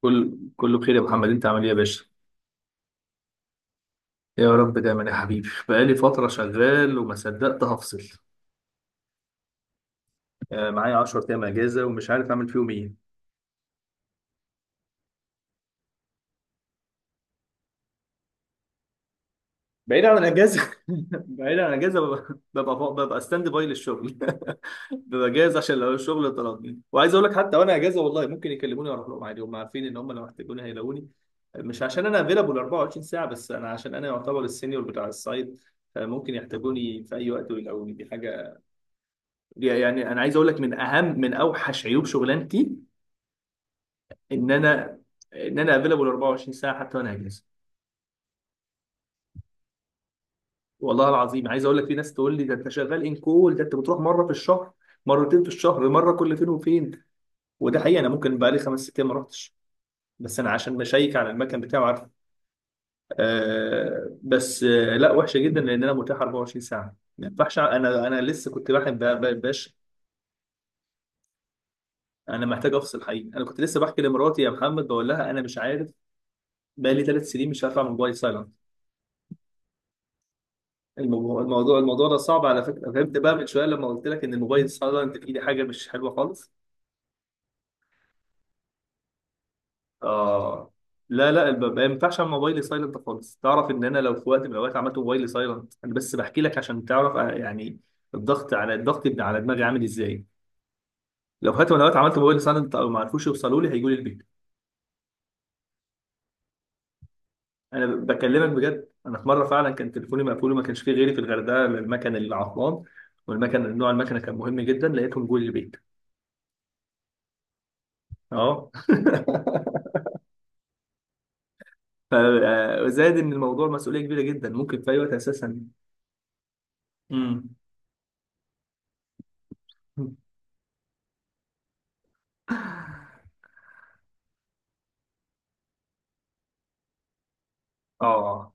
كله بخير يا محمد، انت عامل ايه يا باشا؟ يا رب دايما يا حبيبي. بقالي فتره شغال وما صدقت هفصل. آه، معايا 10 ايام اجازه ومش عارف اعمل فيهم ايه. بعيد عن الاجازه. بعيد عن الاجازه، ببقى ستاند باي للشغل. ببقى جاهز عشان لو الشغل طلبني، وعايز اقول لك حتى وانا اجازه والله ممكن يكلموني واروح لهم عادي. هم عارفين ان هم لو احتاجوني هيلاقوني. مش عشان انا افيلابل 24 ساعه، بس انا عشان انا يعتبر السينيور بتاع السايت. آه، ممكن يحتاجوني في اي وقت ويلاقوني، دي حاجه. يعني انا عايز اقول لك من اهم من اوحش عيوب شغلانتي ان انا افيلبل 24 ساعه حتى وانا اجازه. والله العظيم عايز اقول لك، في ناس تقول لي ده انت شغال ان كول، ده انت بتروح مره في الشهر، مرتين في الشهر، مره كل فين وفين. وده حقيقي، انا ممكن بقالي 5 6 ايام ما رحتش، بس انا عشان بشيك على المكان بتاعي وعارف. آه بس آه، لا وحشه جدا لان انا متاح 24 ساعه. ما ينفعش، انا لسه كنت بحب. باش، انا محتاج افصل حقيقي. انا كنت لسه بحكي لمراتي يا محمد، بقول لها انا مش عارف. بقالي 3 سنين مش هرفع موبايل سايلنت. الموضوع ده صعب على فكره. فهمت بقى من شويه لما قلت لك ان الموبايل سايلنت فيه، دي حاجه مش حلوه خالص. اه لا لا، ما ينفعش اعمل موبايلي سايلنت خالص. تعرف ان انا لو في وقت من الاوقات عملت موبايلي سايلنت، انا بس بحكي لك عشان تعرف آه، يعني الضغط على الضغط على دماغي عامل ازاي. لو في وقت من الاوقات عملت موبايلي سايلنت او ما عرفوش يوصلوا لي، هيجوا لي البيت. انا بكلمك بجد، انا في مره فعلا كان تليفوني مقفول وما كانش فيه غيري في الغردقه، المكن اللي عطلان والمكن، نوع المكنه كان مهم جدا، لقيتهم جوه البيت. اه. وزائد ان الموضوع مسؤوليه كبيره جدا، ممكن في اي وقت اساسا. امم. اه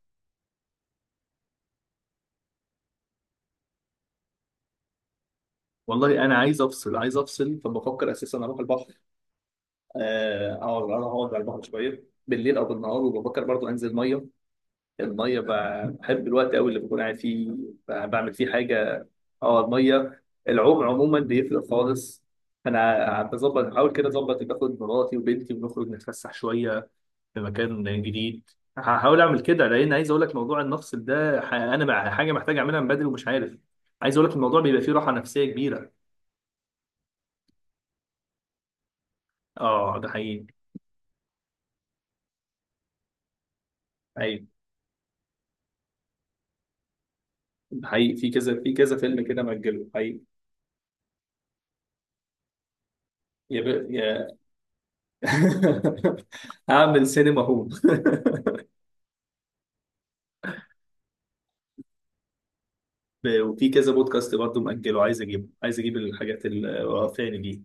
والله انا عايز افصل، عايز افصل. فبفكر اساسا اروح البحر، آه، اقعد انا اقعد على البحر شويه بالليل او بالنهار، وبفكر برضو انزل ميه. الميه بحب الوقت قوي اللي بكون قاعد فيه. بعمل فيه حاجه. اه، الميه. العوم عموما بيفرق خالص. انا بظبط بحاول كده اظبط، باخد مراتي وبنتي ونخرج نتفسح شويه في مكان جديد. هحاول اعمل كده، لان عايز اقول لك موضوع المفصل ده انا مع حاجه محتاج اعملها من بدري ومش عارف. عايز اقول لك الموضوع بيبقى فيه راحه نفسيه كبيره. اه، ده حقيقي. حقيقي، ده حقيقي. في كذا فيلم كده مأجله حقيقي. يا ب... يا هعمل سينما هوم. وفي كذا بودكاست برضه مأجله، عايز اجيبه، عايز اجيب الحاجات الوقفاني دي.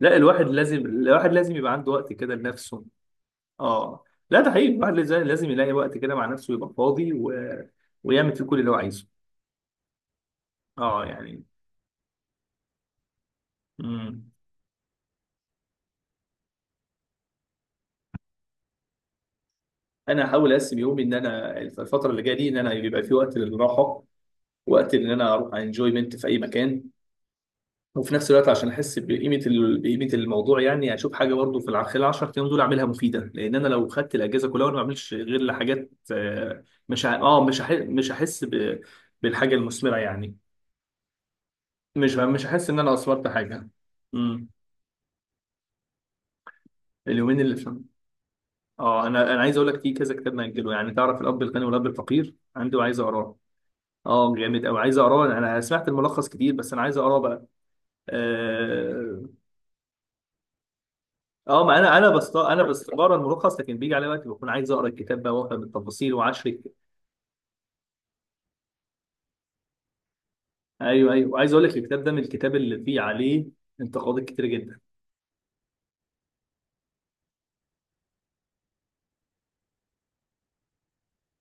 لا، الواحد لازم، يبقى عنده وقت كده لنفسه. اه لا، ده حقيقي. الواحد لازم، يلاقي وقت كده مع نفسه يبقى فاضي و... ويعمل فيه كل اللي هو عايزه. اه يعني. مم. انا هحاول اقسم يومي ان انا الفتره اللي جايه دي ان انا يبقى في وقت للراحه، وقت ان انا اروح انجويمنت في اي مكان. وفي نفس الوقت عشان احس بقيمه بقيمه الموضوع، يعني اشوف حاجه برضه خلال 10 ايام دول اعملها مفيده. لان انا لو خدت الاجازه كلها وانا ما بعملش غير لحاجات آه، مش ه... اه مش هح... مش هحس بالحاجه المثمره يعني. مش هحس ان انا اثمرت حاجه. مم. اليومين اللي في. اه، انا عايز اقول لك، في كذا كتاب مأجله. يعني تعرف الاب الغني والاب الفقير؟ عنده. عايز اقراه. اه جامد قوي، عايز اقراه. انا سمعت الملخص كتير بس انا عايز اقراه بقى. اه. ما انا انا بست انا بس بقرا الملخص، لكن بيجي على وقت بكون عايز اقرا الكتاب بقى وافهم التفاصيل، ايوه ايوه، وعايز اقول لك الكتاب ده من الكتاب اللي فيه عليه انتقادات كتير جدا.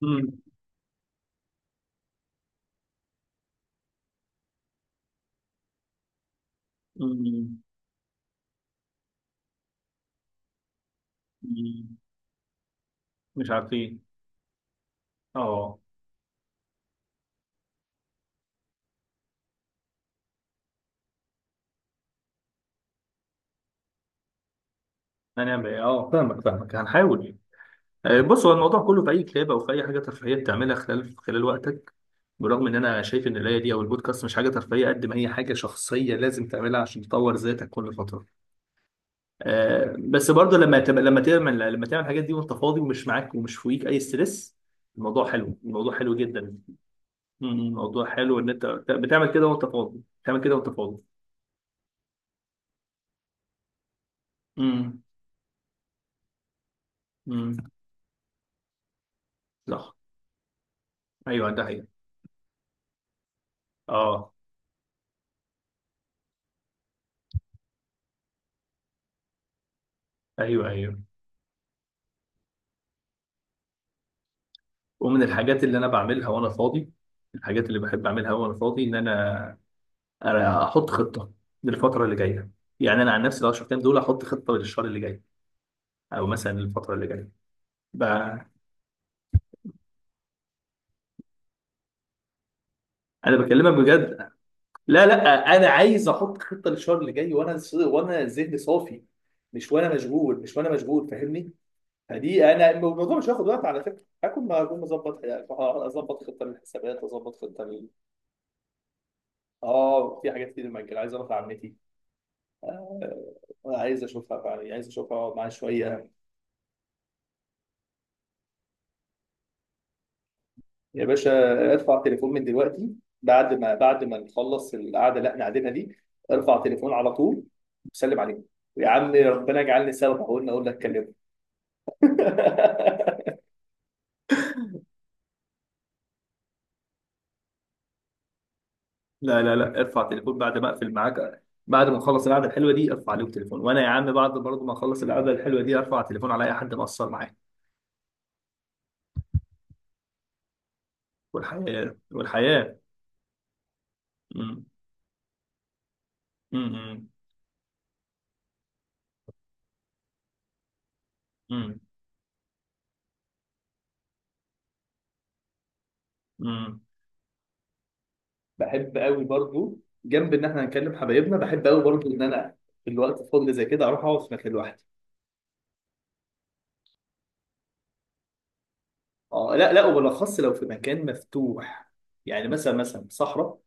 مم. مم. مم. مش عارفين. اه. هنعمل ايه؟ اه، فاهمك فاهمك، هنحاول. بص، هو الموضوع كله في اي كتابه او في اي حاجه ترفيهيه بتعملها خلال وقتك. برغم ان انا شايف ان القرايه دي او البودكاست مش حاجه ترفيهيه قد ما هي حاجه شخصيه لازم تعملها عشان تطور ذاتك كل فتره. آه، بس برضه لما تعمل الحاجات دي وانت فاضي ومش معاك ومش فوقيك اي ستريس، الموضوع حلو، الموضوع حلو جدا. الموضوع حلو ان انت بتعمل كده وانت فاضي، بتعمل كده وانت فاضي. امم. امم. صح. ايوه، ده حقيقي. اه. ايوه ايوه. ومن الحاجات اللي انا بعملها وانا فاضي، الحاجات اللي بحب اعملها وانا فاضي، ان انا احط خطه للفتره اللي جايه. يعني انا عن نفسي لو 10 ايام دول احط خطه للشهر اللي جاي او مثلا للفتره اللي جايه، ب... انا بكلمك بجد. لا لا، انا عايز احط خطه للشهر اللي جاي وانا وانا ذهني صافي، مش وانا مشغول، مش وانا مشغول فاهمني. فدي، انا الموضوع مش هياخد وقت على فكره. هكون، ما هكون مظبط. اظبط خطه للحسابات، اظبط خطه لل.... اه، في حاجات كتير مأجل. عايز اروح لعمتي آه، عايز اشوفها فعلا، عايز اشوفها اقعد معاه شويه. يا باشا، ارفع تليفون من دلوقتي. بعد ما نخلص القعده اللي احنا قاعدينها دي، ارفع تليفون على طول وسلم عليه. يا عم، ربنا يجعلني سبب. اقول لك كلمه. لا لا لا، ارفع تليفون بعد ما اقفل معاك. بعد ما نخلص القعده الحلوه دي، ارفع عليهم تليفون. وانا يا عم، بعد برضه ما اخلص القعده الحلوه دي ارفع تليفون على اي حد مقصر معايا. والحياه، والحياه. امم، امم، امم. بحب قوي برضو، جنب ان احنا هنكلم حبايبنا بحب قوي برضو ان انا في الوقت الفاضي زي كده اروح اقعد في مكان لوحدي. اه لا لا، وبالاخص لو في مكان مفتوح، يعني مثلا صحراء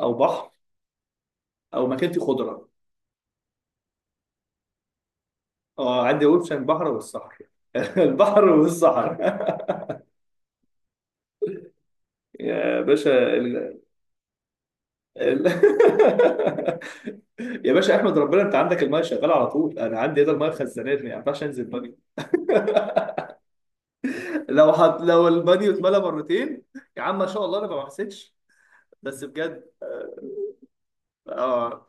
او بحر او مكان فيه خضره. اه، عندي اوبشن البحر والصحراء. البحر والصحراء. يا باشا ال... يا باشا، احمد ربنا انت عندك المايه شغاله على طول. انا عندي هنا المايه خزانات، ما ينفعش انزل بانيو. لو البانيو اتملى مرتين، يا عم ما شاء الله انا ما حسيتش، بس بجد. اه،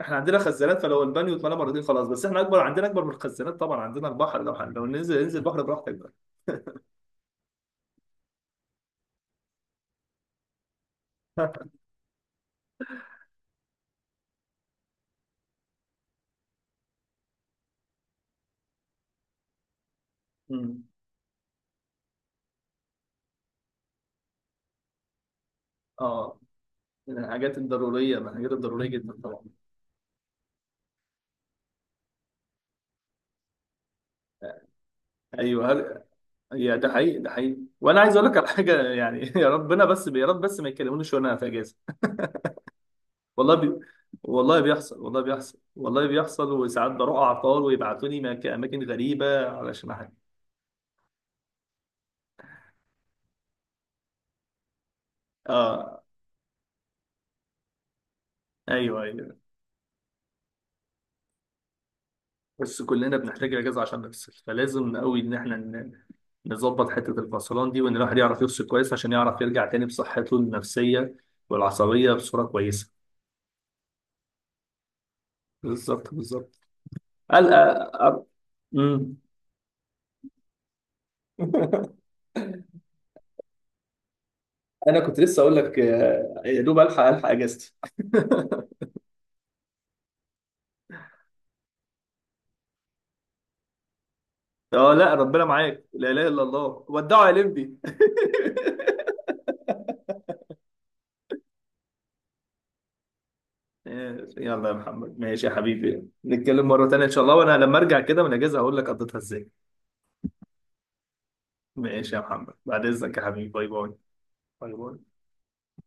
احنا عندنا خزانات فلو البانيو اتملى مرتين خلاص، بس احنا اكبر، عندنا اكبر من الخزانات طبعا، عندنا البحر. لو ننزل البحر براحتك بقى. مم. اه، من الحاجات الضرورية، من الحاجات الضرورية جدا طبعا. ايوه، هل... يا ده حقيقي، ده حقيقي. وانا عايز اقول لك على حاجة يعني. يا ربنا بس، يا رب بس ما يكلمونيش وانا في اجازة. والله بي... والله بيحصل، والله بيحصل، والله بيحصل. وساعات بروح اعطال ويبعتوني اماكن غريبة علشان حاجة. اه. ايوه ايوه. بس كلنا بنحتاج اجازه عشان نفصل، فلازم قوي ان احنا نظبط حته الفصلان دي، وان الواحد يعرف يفصل كويس عشان يعرف يرجع تاني بصحته النفسيه والعصبيه بصوره كويسه. بالظبط، بالظبط. الحق أر- مم. انا كنت لسه اقول لك آه، يا دوب الحق، اجازتي. اه لا، ربنا معاك. لا اله الا الله. ودعوا يا لمبي. يلا يا محمد، ماشي يا حبيبي، نتكلم مره تانيه ان شاء الله. وانا لما ارجع كده من الاجازه هقول لك قضيتها ازاي. ماشي يا محمد، بعد اذنك يا حبيبي، باي باي. باي باي.